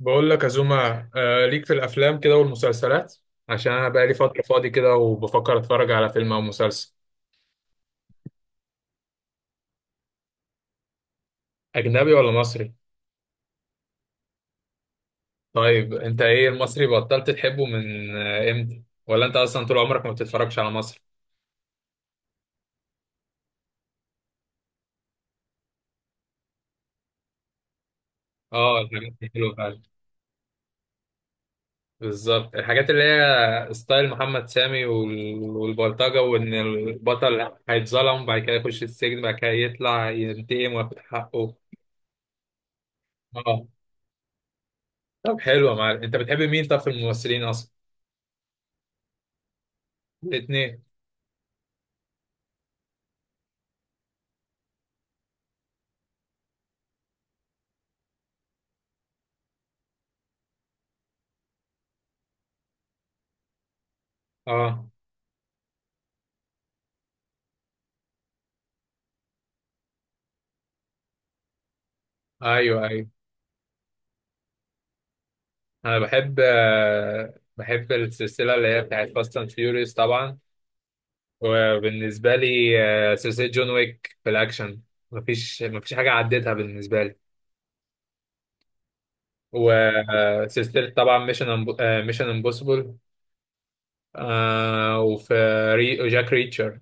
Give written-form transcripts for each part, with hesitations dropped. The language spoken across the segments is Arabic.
بقول لك يا زوما، ليك في الافلام كده والمسلسلات. عشان انا بقالي فتره فاضي كده وبفكر اتفرج على فيلم او مسلسل، اجنبي ولا مصري؟ طيب انت ايه المصري بطلت تحبه من امتى، ولا انت اصلا طول عمرك ما بتتفرجش على مصر؟ اه، الحاجات دي حلوه فعلا. بالظبط الحاجات اللي هي ستايل محمد سامي والبلطجه، وان البطل هيتظلم بعد كده يخش السجن بعد كده يطلع ينتقم وياخد حقه. اه. طب حلو يا معلم، انت بتحب مين طب في الممثلين اصلا؟ الاثنين. اه. ايوه ايوه. انا بحب بحب السلسله اللي هي بتاعت فاست اند فيوريوس طبعا. وبالنسبه لي، سلسله جون ويك في الاكشن، مفيش حاجه عديتها بالنسبه لي. وسلسله طبعا ميشن، ميشن امبوسيبل. وفي جاك ريتشر.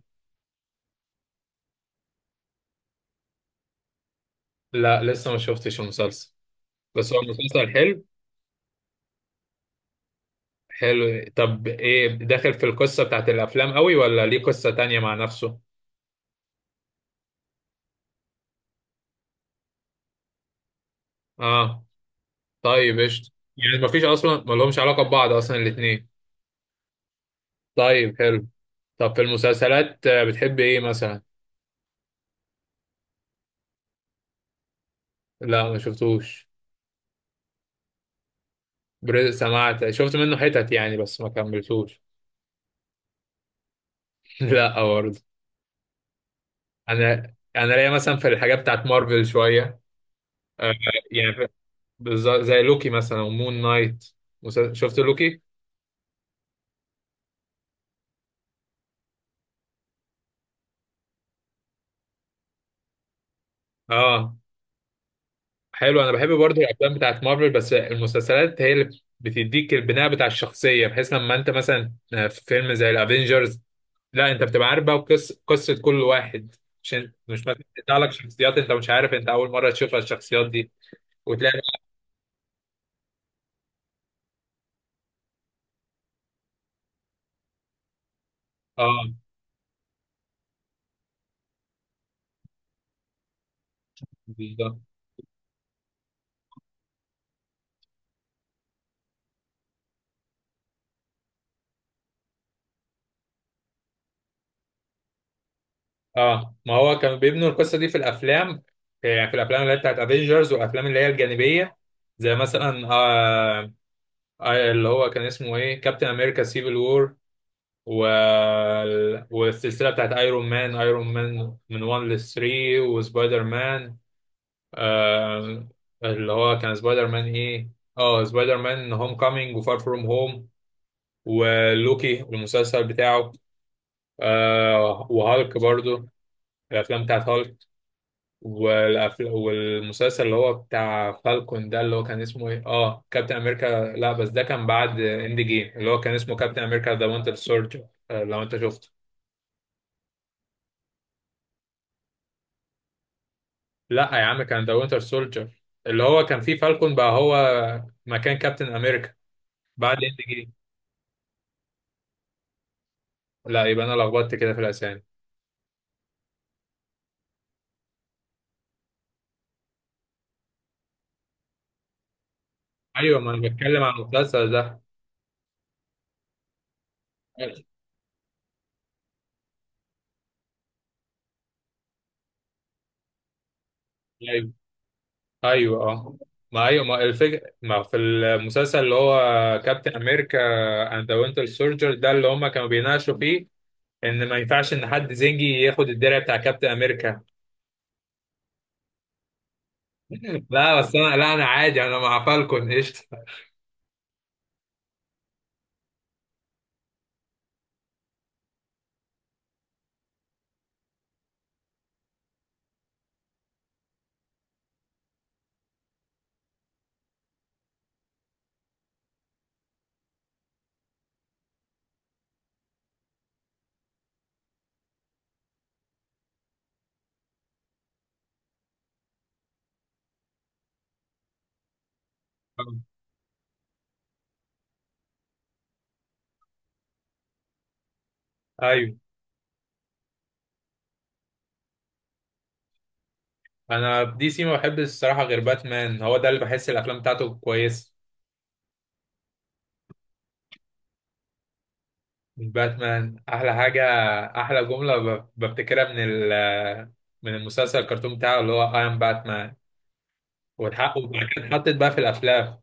لا لسه ما شفتش المسلسل، بس هو مسلسل حلو. حلو. طب ايه، داخل في القصه بتاعت الافلام قوي ولا ليه قصه تانية مع نفسه؟ اه. طيب قشطة. يعني مفيش أصلا، ملهمش علاقة ببعض أصلا الاتنين. طيب حلو. طب في المسلسلات بتحب إيه مثلا؟ لا ما شفتوش. سمعت، شفت منه حتت يعني بس ما كملتوش. لا برضه. أنا ليا مثلا في الحاجات بتاعت مارفل شوية. آه، يعني في- زي لوكي مثلا ومون نايت. شفت لوكي؟ آه. حلو، أنا بحب برضه الأفلام بتاعت مارفل، بس المسلسلات هي اللي بتديك البناء بتاع الشخصية، بحيث لما أنت مثلا في فيلم زي الأفينجرز، لا انت بتبقى عارف بقى قصه كل واحد. مش مش بتطلع لك شخصيات انت مش عارف، انت اول مره تشوفها الشخصيات دي وتلاقي. اه بالظبط. اه، ما هو كانوا بيبنوا القصه دي في الافلام، يعني في الافلام اللي هي بتاعت افنجرز والافلام اللي هي الجانبيه، زي مثلا اللي هو كان اسمه ايه، كابتن امريكا سيفل وور، و... والسلسله بتاعت ايرون مان من 1 ل 3، وسبايدر مان. آه، اللي هو كان سبايدر مان ايه؟ اه سبايدر مان هوم كامينج وفار فروم هوم. ولوكي المسلسل بتاعه. آه وهالك برضو، الافلام بتاعت هالك. والمسلسل اللي هو بتاع فالكون ده، اللي هو كان اسمه ايه، اه كابتن امريكا، لا بس ده كان بعد اند جيم، اللي هو كان اسمه كابتن امريكا ذا وينتر سولجر، لو انت شفته. لا يا عم كان ذا وينتر سولجر، اللي هو كان فيه فالكون بقى هو مكان كابتن امريكا بعد اند جيم. لا، يبقى انا لخبطت كده في الاسامي. ايوه ما انا بتكلم عن المسلسل ده. ايوه ايوه اه. ما ايوه، ما الفكره ما في المسلسل اللي هو كابتن امريكا اند ذا وينتر سولجر ده، اللي هم كانوا بيناقشوا فيه ان ما ينفعش ان حد زنجي ياخد الدرع بتاع كابتن امريكا. لا بس انا لا انا عادي، انا مع فالكون قشطه. ايوه. انا دي سي ما بحبش الصراحه، غير باتمان، هو ده اللي بحس الافلام بتاعته كويسه. من باتمان احلى حاجه، احلى جمله بفتكرها من المسلسل الكرتون بتاعه اللي هو اي ام باتمان والحق، وبعد كده اتحطت بقى في الافلام.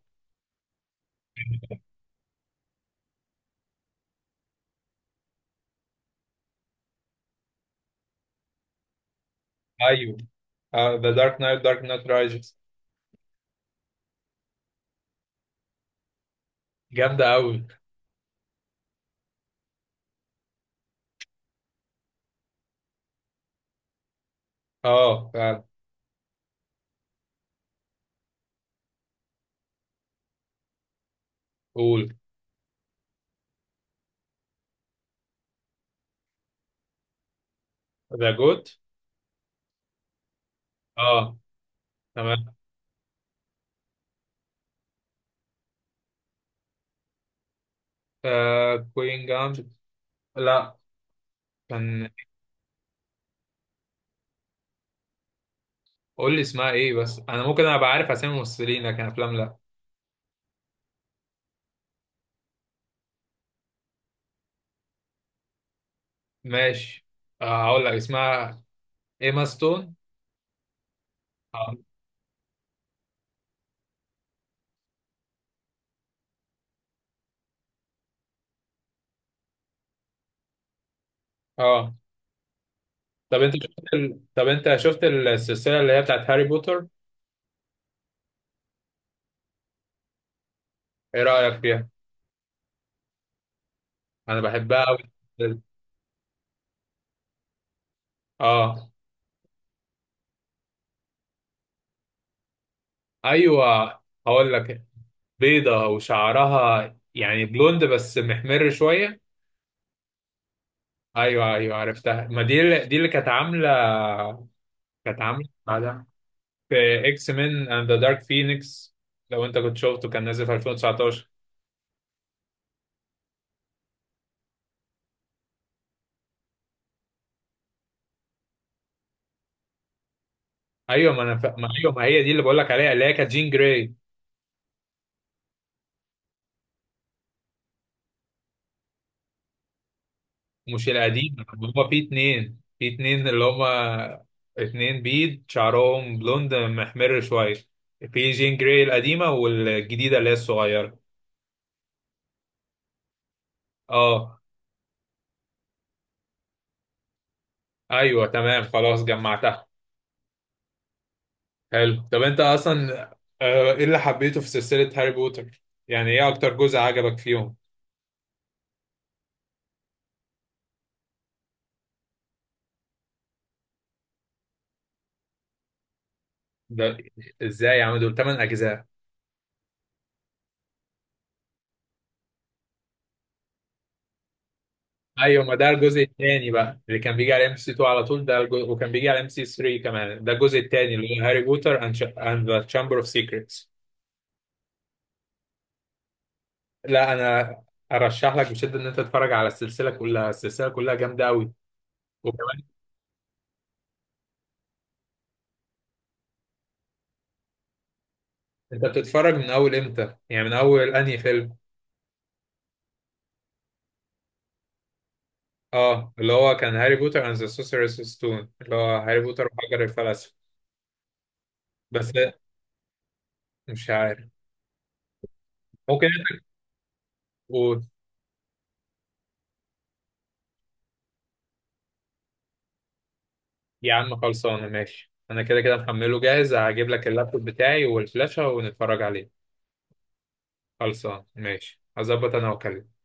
ايوه ذا دارك نايت، دارك نايت رايزز، جامده قوي. اه فعلا. قول. ذا جوت. اه تمام. آه كوين جامد، لا كان. قول لي اسمها ايه بس، انا ممكن ابقى عارف اسامي الممثلين لكن افلام لا. ماشي. آه هقول لك اسمها، ايما ستون. اه اه. طب انت شفت طب انت شفت السلسله اللي هي بتاعت هاري بوتر؟ ايه رايك فيها؟ انا بحبها قوي. اه. ايوه هقول لك، بيضه وشعرها يعني بلوند بس محمر شويه. ايوه ايوه عرفتها، ما دي دي اللي كانت عامله، كانت عامله بعدها في اكس مين اند ذا دارك فينيكس، لو انت كنت شفته كان نازل في 2019. ايوه ما انا ما ايوه، ما هي دي اللي بقول لك عليها اللي هي كانت جين جراي. مش القديم، هما في اتنين، في اتنين اللي هما اتنين بيض شعرهم بلوند محمر شوية، في جين جراي القديمة والجديدة اللي هي الصغيرة. اه ايوه تمام خلاص جمعتها. حلو. طب انت اصلا ايه اللي حبيته في سلسلة هاري بوتر؟ يعني ايه اكتر جزء عجبك فيهم؟ ده ازاي يا عم، دول 8 اجزاء. ايوه، ما ده الجزء الثاني بقى اللي كان بيجي على ام سي 2 على طول، ده الجزء وكان بيجي على ام سي 3 كمان، ده الجزء الثاني اللي هو هاري بوتر اند ذا تشامبر اوف سيكريتس. لا انا ارشح لك بشده ان انت تتفرج على السلسله كلها، السلسله كلها جامده قوي. وكمان انت بتتفرج من اول امتى، يعني من اول انهي فيلم؟ اه، اللي هو كان هاري بوتر اند ذا سوسيرس ستون، اللي هو هاري بوتر وحجر الفلسفه. بس مش عارف. ممكن. يا عم خلصانه ماشي، انا كده كده محمله جاهز، هجيب لك اللابتوب بتاعي والفلاشة ونتفرج عليه. خلصان ماشي، هظبط انا واكلمك.